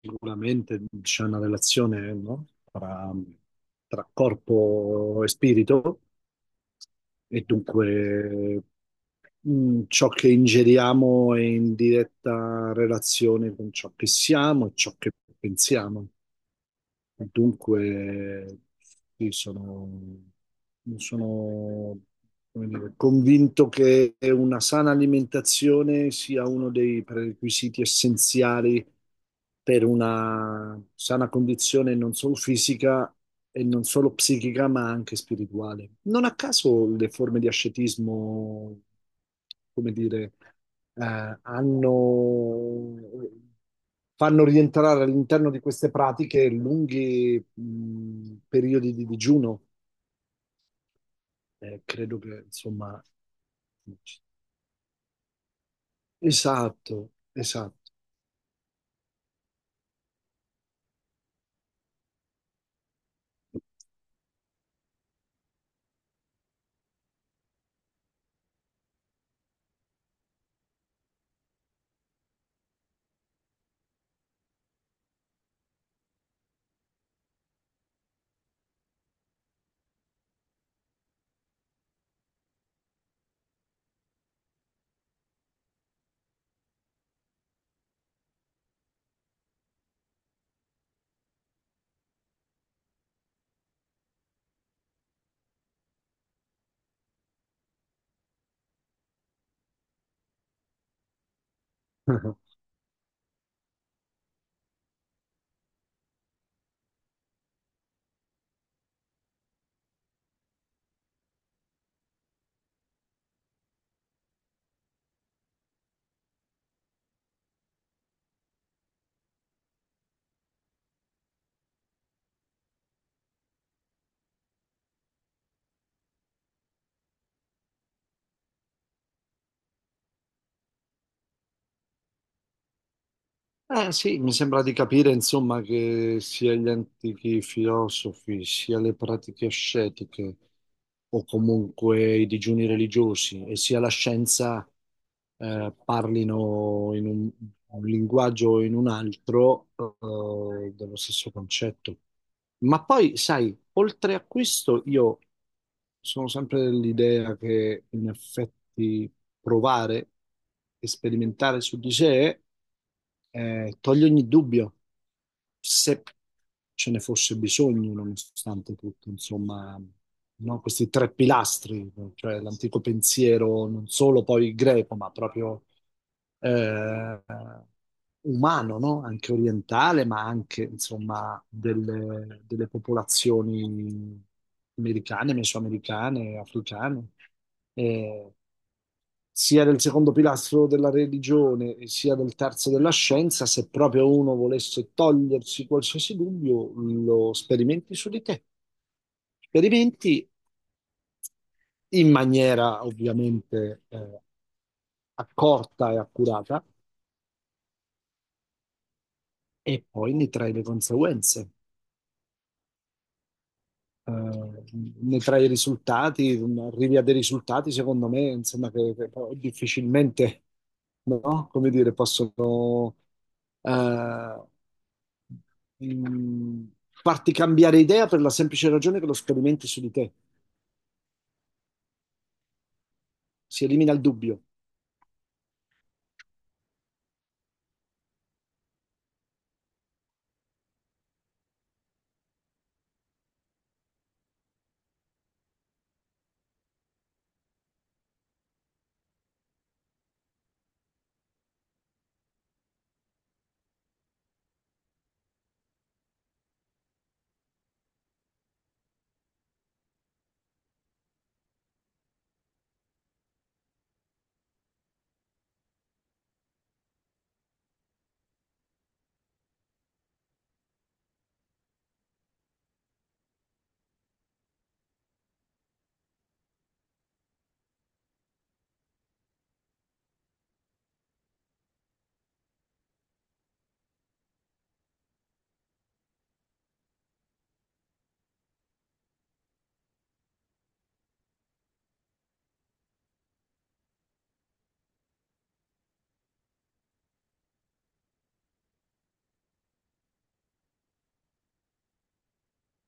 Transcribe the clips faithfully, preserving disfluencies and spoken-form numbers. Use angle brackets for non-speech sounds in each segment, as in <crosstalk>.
Sicuramente c'è una relazione, no? tra, tra corpo e spirito, e dunque mh, ciò che ingeriamo è in diretta relazione con ciò che siamo e ciò che pensiamo. Dunque, sì, sono, sono, come dire, convinto che una sana alimentazione sia uno dei prerequisiti essenziali per una sana condizione non solo fisica e non solo psichica, ma anche spirituale. Non a caso le forme di ascetismo, come dire, eh, hanno, fanno rientrare all'interno di queste pratiche lunghi, mh, periodi di digiuno. Eh, credo che, insomma, esatto, esatto. <laughs> Eh sì, mi sembra di capire, insomma, che sia gli antichi filosofi, sia le pratiche ascetiche o comunque i digiuni religiosi e sia la scienza eh, parlino in un, un linguaggio o in un altro, eh, dello stesso concetto. Ma poi, sai, oltre a questo, io sono sempre dell'idea che, in effetti, provare e sperimentare su di sé. Eh, toglie ogni dubbio, se ce ne fosse bisogno, nonostante tutto, insomma, no? Questi tre pilastri, cioè l'antico pensiero non solo poi greco, ma proprio, eh, umano, no? Anche orientale, ma anche, insomma, delle, delle popolazioni americane, mesoamericane, africane. Eh, Sia del secondo pilastro della religione e sia del terzo della scienza, se proprio uno volesse togliersi qualsiasi dubbio, lo sperimenti su di te. Sperimenti in maniera ovviamente, eh, accorta e accurata, e poi ne trai le conseguenze. eh, Ne trai i risultati, arrivi a dei risultati, secondo me, insomma, che, che poi difficilmente, no? Come dire, possono eh, mh, farti cambiare idea, per la semplice ragione che lo sperimenti su di te. Si elimina il dubbio.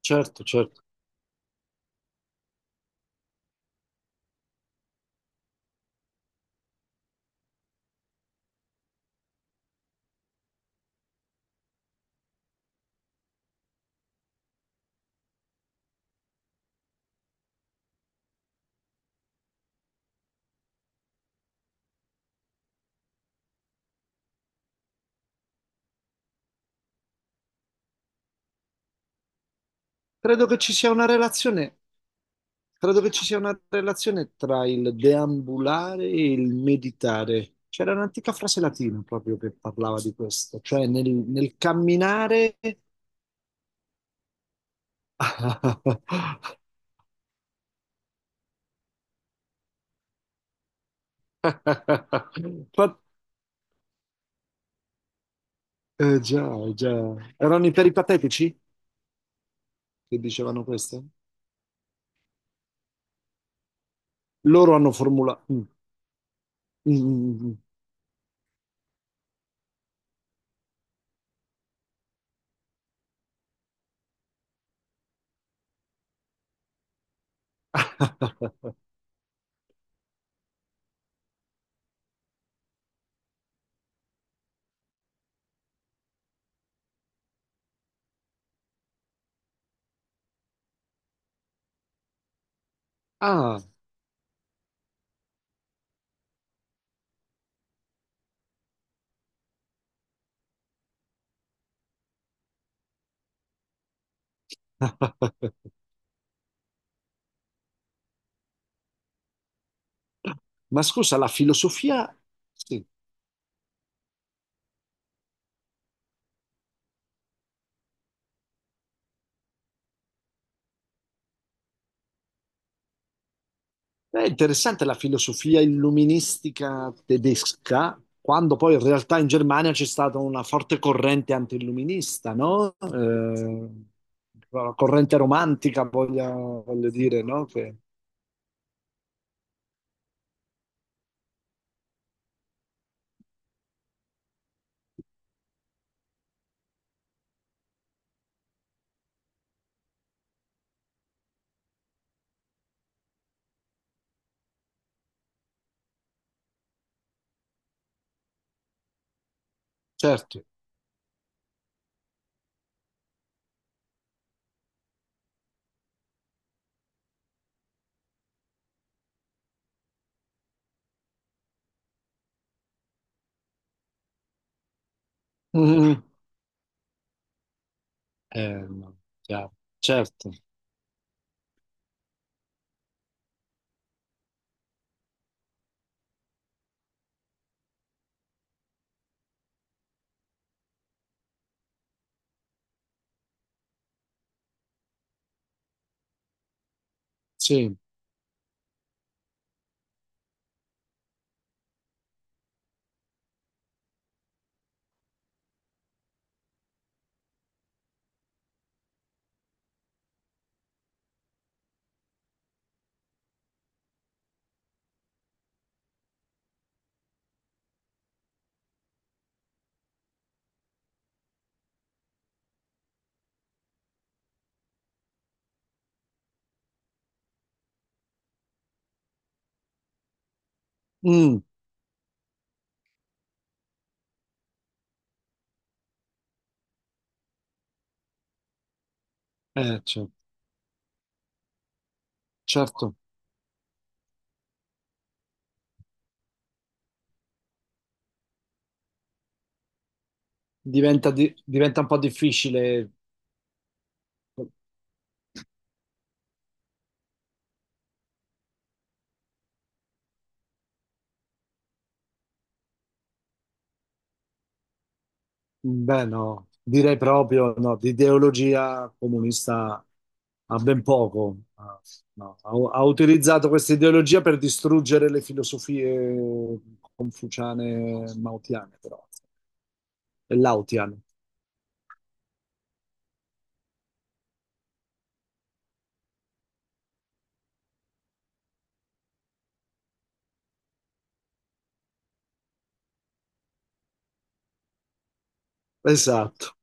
Certo, certo. Credo che ci sia una relazione. Credo che ci sia una relazione tra il deambulare e il meditare. C'era un'antica frase latina proprio che parlava di questo, cioè nel, nel camminare... <laughs> Fa- eh, già, eh, già. Erano i peripatetici che dicevano questo? Loro hanno formulato... <laughs> Ah, <laughs> ma scusa, la filosofia... Sì. È interessante la filosofia illuministica tedesca, quando poi in realtà in Germania c'è stata una forte corrente anti-illuminista, no? Eh, la corrente romantica, voglia- voglio dire, no? Che- certo. Mm. Eh, no, chiaro. Certo, sì. Mm. Eh, certo. Certo. Diventa, di- diventa un po' difficile. Beh, no, direi proprio no, di ideologia comunista ha ben poco. Ah, no. Ha, ha utilizzato questa ideologia per distruggere le filosofie confuciane, maotiane, però, e laotiane. Esatto.